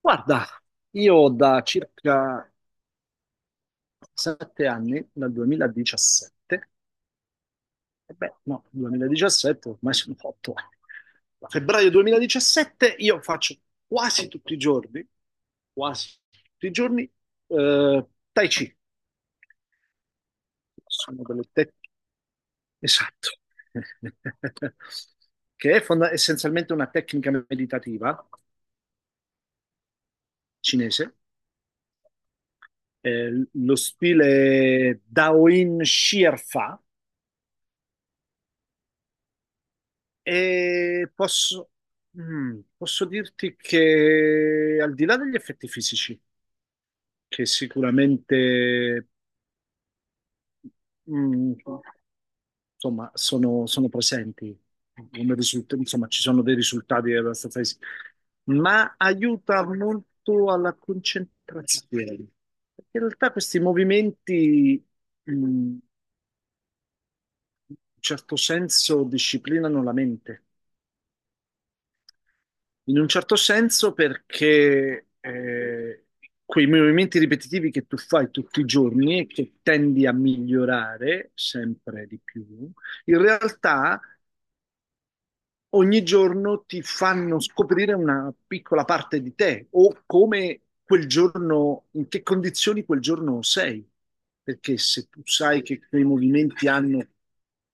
Guarda, io da circa 7 anni, dal 2017, e beh, no, 2017, ormai sono 8 anni. Da febbraio 2017 io faccio quasi tutti i giorni, quasi tutti i giorni, eh, Tai Chi. Sono delle tec- Esatto. Che è essenzialmente una tecnica meditativa cinese. Lo stile Daoin Shir Fa. E posso, posso dirti che al di là degli effetti fisici, che sicuramente mm, insomma, sono presenti, insomma, ci sono dei risultati abbastanza fisici, ma aiuta molto alla concentrazione. Perché in realtà questi movimenti, in un certo senso, disciplinano la mente. In un certo senso perché quei movimenti ripetitivi che tu fai tutti i giorni e che tendi a migliorare sempre di più, in realtà ogni giorno ti fanno scoprire una piccola parte di te o come quel giorno, in che condizioni quel giorno sei. Perché se tu sai che quei movimenti hanno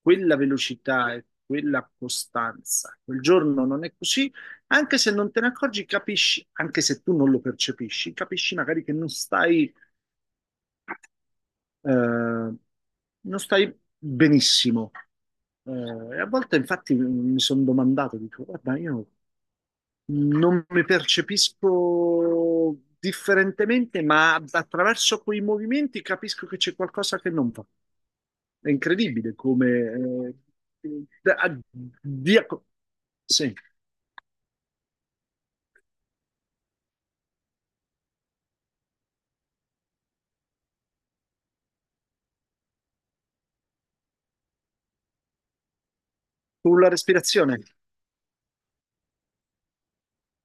quella velocità e quella costanza, quel giorno non è così, anche se non te ne accorgi, capisci, anche se tu non lo percepisci, capisci magari che non stai, non stai benissimo. E a volte infatti mi sono domandato, dico, guarda, io non mi percepisco differentemente, ma attraverso quei movimenti capisco che c'è qualcosa che non va. È incredibile come... eh, da- dia- sì, con la respirazione.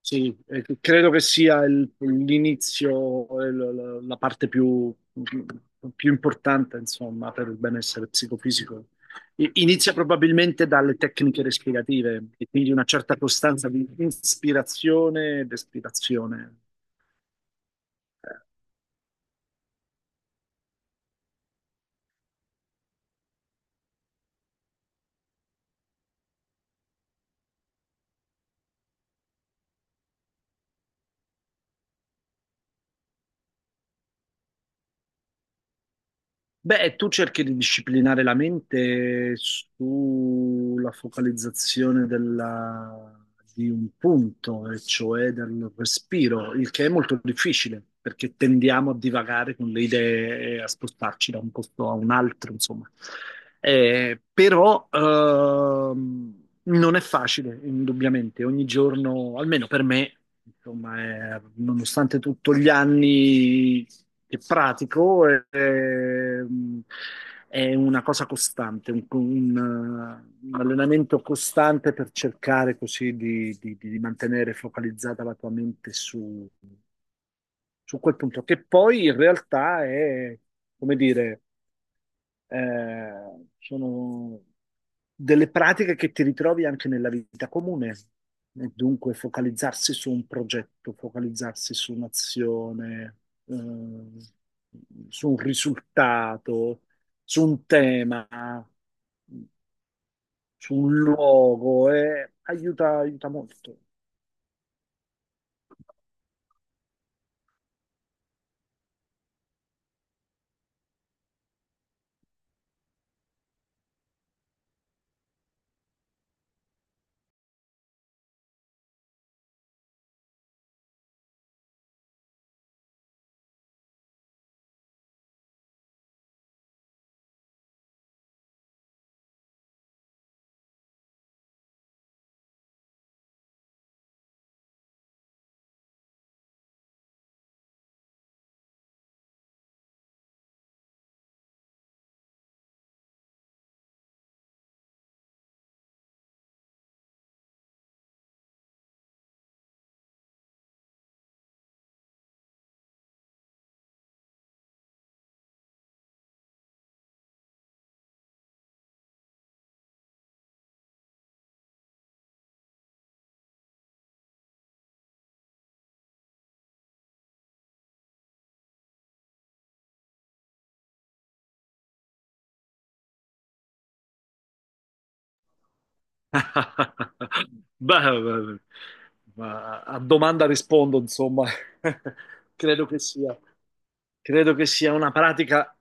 Sì, credo che sia l'inizio, la parte più, più importante, insomma, per il benessere psicofisico. Inizia probabilmente dalle tecniche respirative e quindi una certa costanza di ispirazione ed espirazione. Beh, tu cerchi di disciplinare la mente sulla focalizzazione di un punto, e cioè del respiro, il che è molto difficile perché tendiamo a divagare con le idee e a spostarci da un posto a un altro, insomma. Però non è facile, indubbiamente. Ogni giorno, almeno per me. Insomma, nonostante tutto gli anni che pratico, è una cosa costante, un allenamento costante per cercare così di mantenere focalizzata la tua mente su, su quel punto, che poi in realtà è, come dire, eh, sono delle pratiche che ti ritrovi anche nella vita comune, e dunque focalizzarsi su un progetto, focalizzarsi su un'azione, eh, su un risultato, su un tema, su un luogo, e aiuta, aiuta molto. Beh, beh, beh. Ma a domanda rispondo, insomma, credo che sia, credo che sia una pratica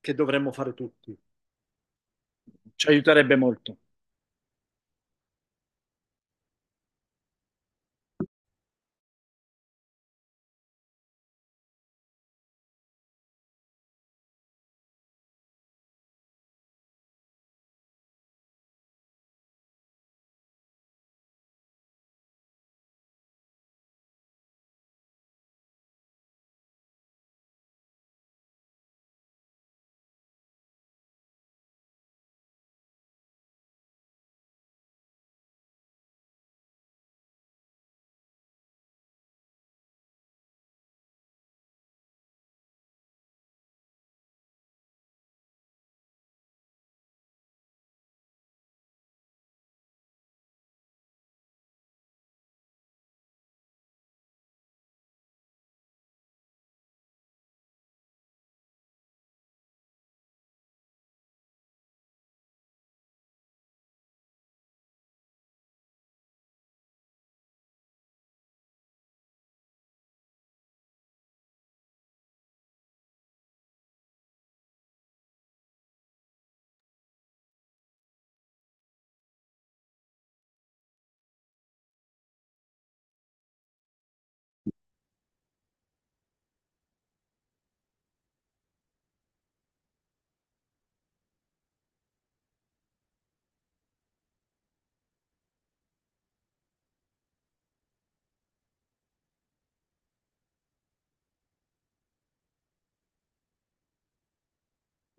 che dovremmo fare tutti. Ci aiuterebbe molto.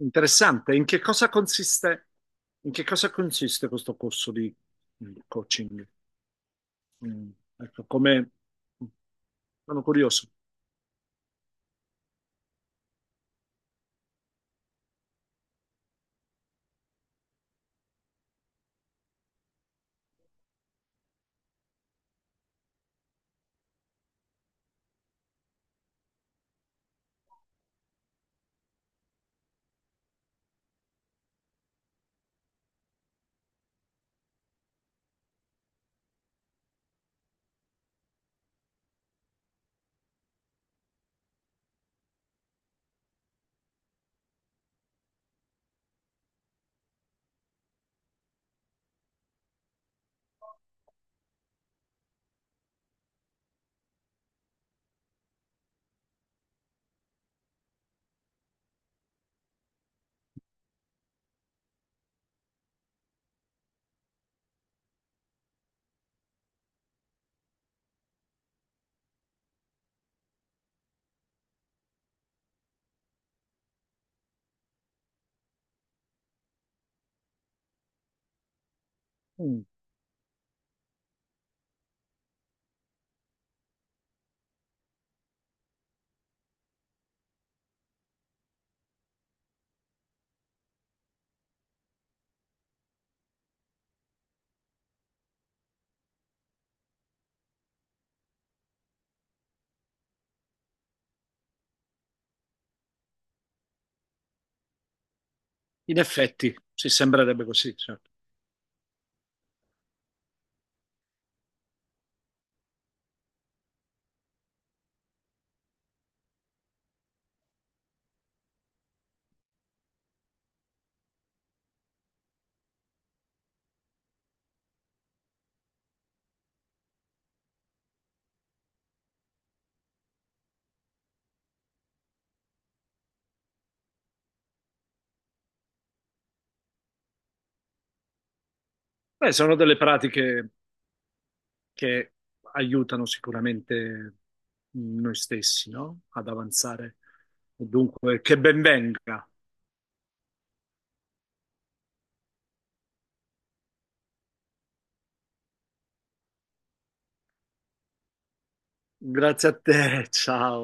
Interessante. In che cosa consiste, in che cosa consiste questo corso di coaching? Mm, ecco, come mm, sono curioso. Mm, in effetti, ci sembrerebbe così, certo. Beh, sono delle pratiche che aiutano sicuramente noi stessi, no? Ad avanzare. Dunque, che ben venga. Grazie a te, ciao.